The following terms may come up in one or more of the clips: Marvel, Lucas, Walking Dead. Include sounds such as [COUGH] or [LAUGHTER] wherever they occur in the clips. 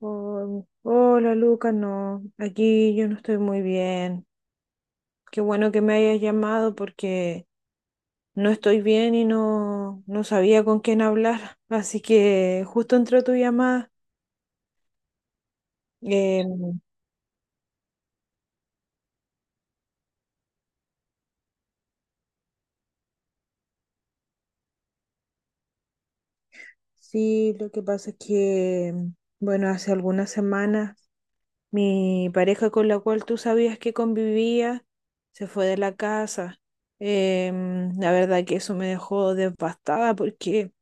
Oh, hola Lucas, no, aquí yo no estoy muy bien. Qué bueno que me hayas llamado porque no estoy bien y no, no sabía con quién hablar. [LAUGHS] Así que justo entró tu llamada. Eh, sí, lo que pasa es que, bueno, hace algunas semanas mi pareja con la cual tú sabías que convivía se fue de la casa. La verdad que eso me dejó devastada porque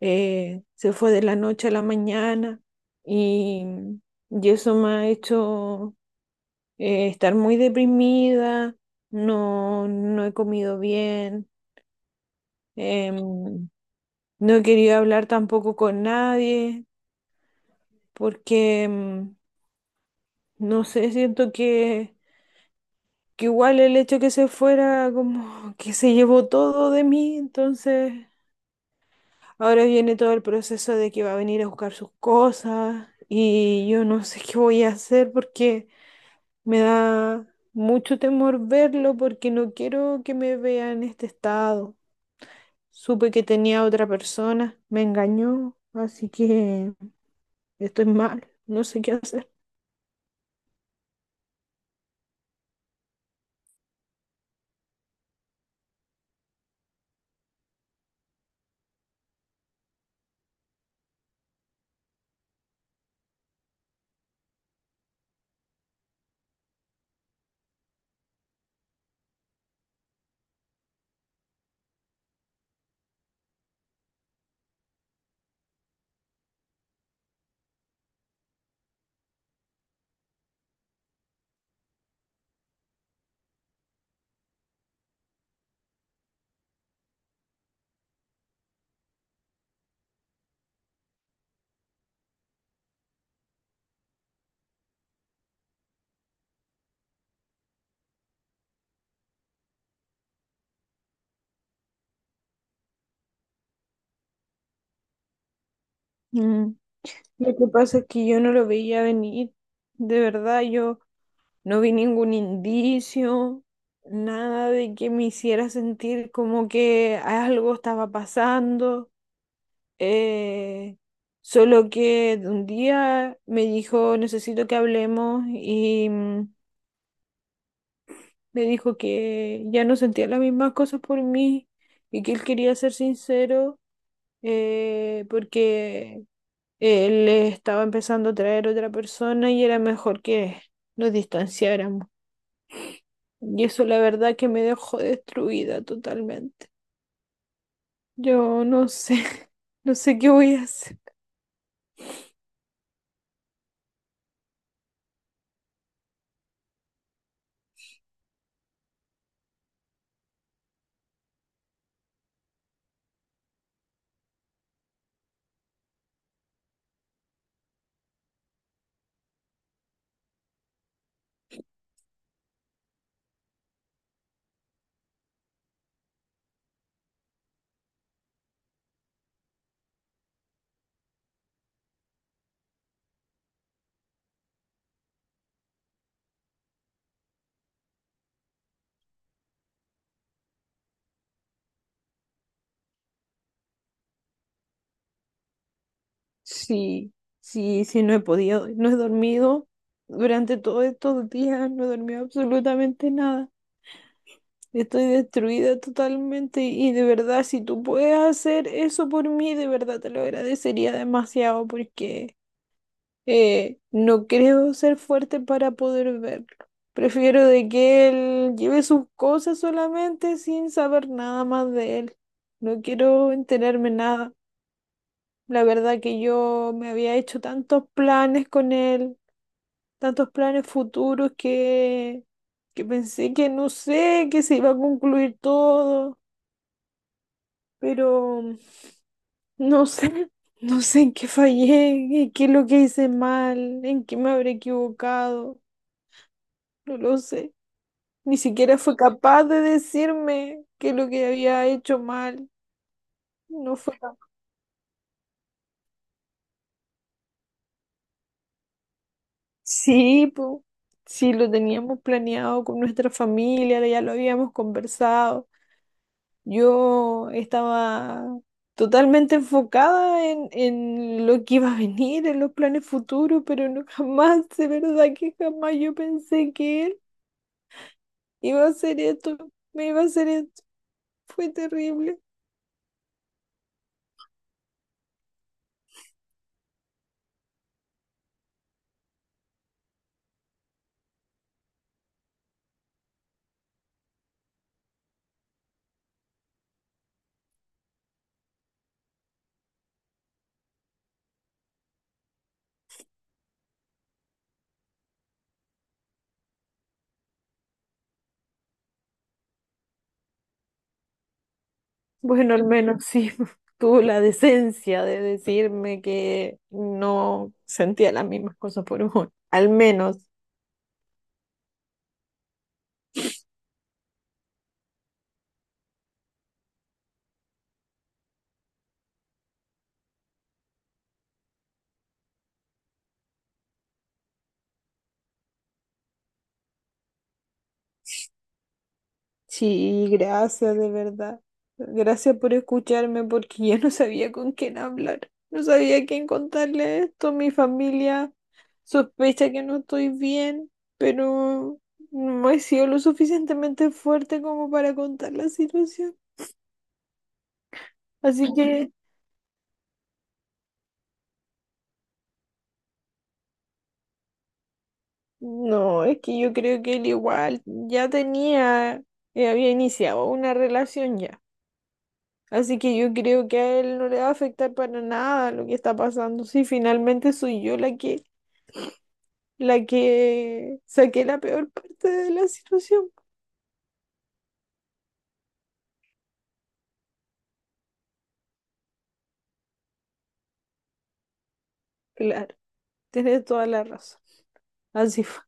se fue de la noche a la mañana y, y eso me ha hecho estar muy deprimida, no, no he comido bien, em, no he querido hablar tampoco con nadie porque, no sé, siento que igual el hecho que se fuera como [LAUGHS] que se llevó todo de mí, entonces. Ahora viene todo el proceso de que va a venir a buscar sus cosas y yo no sé qué voy a hacer porque me da mucho temor verlo porque no quiero que me vea en este estado. Supe que tenía otra persona, me engañó, así que estoy mal, no sé qué hacer. Mm. Lo que pasa es que yo no lo veía venir, de verdad, yo no vi ningún indicio, nada de que me hiciera sentir como que algo estaba pasando. eh, Solo que un día me dijo, necesito que hablemos y me dijo que ya no sentía las mismas cosas por mí y que él quería ser sincero porque él estaba empezando a traer otra persona y era mejor que nos distanciáramos. Y eso la verdad que me dejó destruida totalmente. Yo no sé, [LAUGHS] no sé qué voy a hacer. Sí, sí, sí, no he podido, no he dormido durante todos estos días, no he dormido absolutamente nada. Estoy destruida totalmente y de verdad, si tú puedes hacer eso por mí, de verdad te lo agradecería demasiado porque no creo ser fuerte para poder verlo. Prefiero de que él lleve sus cosas solamente sin saber nada más de él. No quiero enterarme nada. La verdad que yo me había hecho tantos planes con él, tantos planes futuros que pensé que no sé, que se iba a concluir todo, pero no sé, [LAUGHS] no sé en qué fallé, en qué es lo que hice mal, en qué me habré equivocado. No lo sé. Ni siquiera fue capaz de decirme que lo que había hecho mal, no fue capaz. Sí, po. Sí, lo teníamos planeado con nuestra familia, ya lo habíamos conversado. Yo estaba totalmente enfocada en lo que iba a venir, en los planes futuros, pero no, [LAUGHS] jamás, de verdad que jamás yo pensé que él iba a hacer esto, me iba a hacer esto. Fue terrible. Bueno, al menos sí [LAUGHS] tuvo la decencia de decirme que no sentía las mismas cosas por uno. Al menos. Sí, gracias de verdad. Gracias por escucharme porque yo no sabía con quién hablar. No sabía a quién contarle esto. Mi familia sospecha que no estoy bien, pero no he sido lo suficientemente fuerte como para contar la situación. Así que. No, es que yo creo que él igual ya tenía, había iniciado una relación ya. Así que yo creo que a él no le va a afectar para nada lo que está pasando. Si finalmente soy yo la que saqué la peor parte de la situación. Claro, tienes toda la razón. Así fue.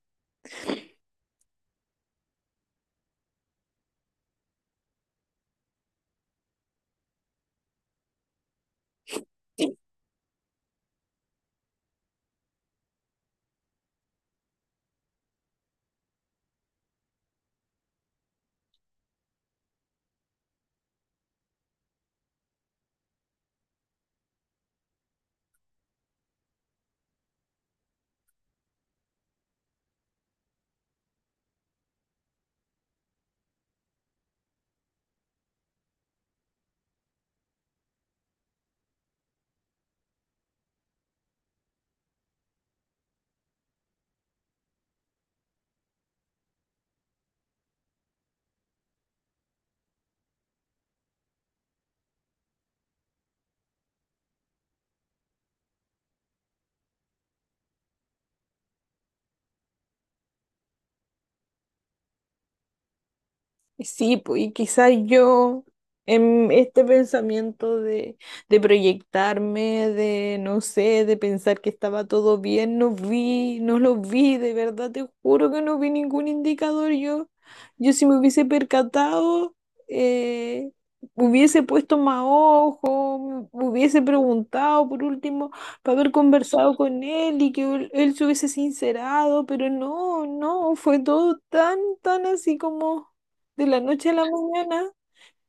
Sí, pues, y quizás yo en este pensamiento de proyectarme, de no sé, de pensar que estaba todo bien, no vi, no lo vi, de verdad te juro que no vi ningún indicador. Yo si me hubiese percatado, eh, hubiese puesto más ojo, me hubiese preguntado por último, para haber conversado con él y que él se hubiese sincerado, pero no, no, fue todo tan, tan así como de la noche a la mañana,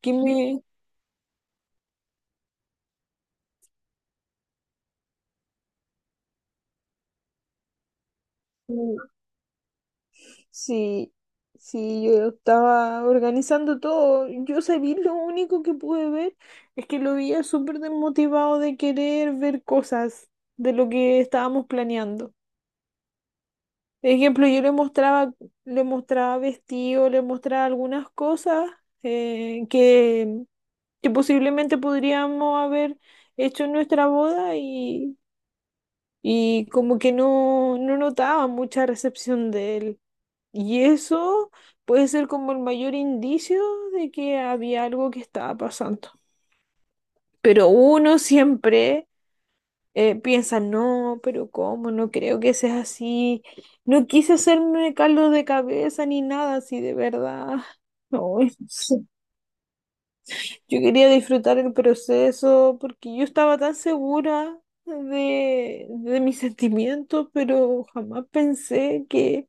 que me mm, sí, sí, yo estaba organizando todo. Yo sabía, lo único que pude ver es que lo veía súper desmotivado de querer ver cosas de lo que estábamos planeando. Por ejemplo, yo le mostraba vestido, le mostraba algunas cosas eh, que, que posiblemente podríamos haber hecho en nuestra boda y como que no, no notaba mucha recepción de él. Y eso puede ser como el mayor indicio de que había algo que estaba pasando. Pero uno siempre piensa, no, pero ¿cómo? No creo que sea así. No quise hacerme caldo de cabeza ni nada así de verdad. No. [LAUGHS] Yo quería disfrutar el proceso porque yo estaba tan segura de mis sentimientos, pero jamás pensé que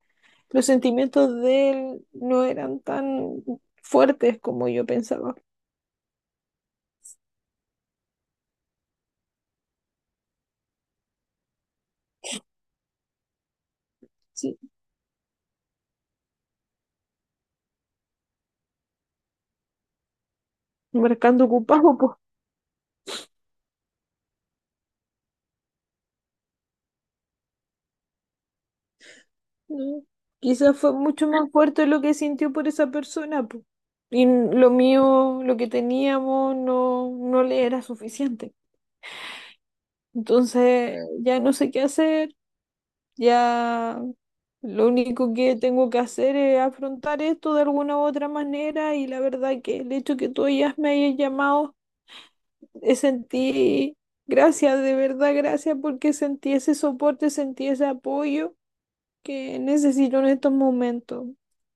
los sentimientos de él no eran tan fuertes como yo pensaba. Sí, marcando ocupado, pues. ¿No? Quizás fue mucho más fuerte lo que sintió por esa persona, pues. Y n- lo mío, lo que teníamos, no, no le era suficiente. Entonces, ya no sé qué hacer. Ya lo único que tengo que hacer es afrontar esto de alguna u otra manera y la verdad que el hecho que tú ya me hayas llamado, sentí, gracias, de verdad gracias porque sentí ese soporte, sentí ese apoyo que necesito en estos momentos.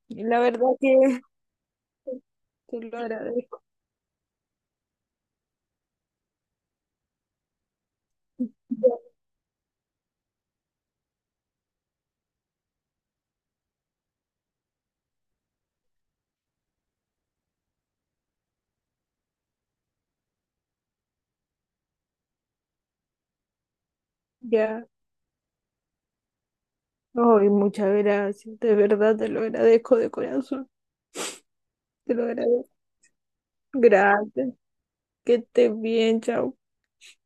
Y la verdad que te lo agradezco. Ya, ay, muchas gracias, de verdad te lo agradezco de corazón, te lo agradezco. Gracias, que estés bien, chao.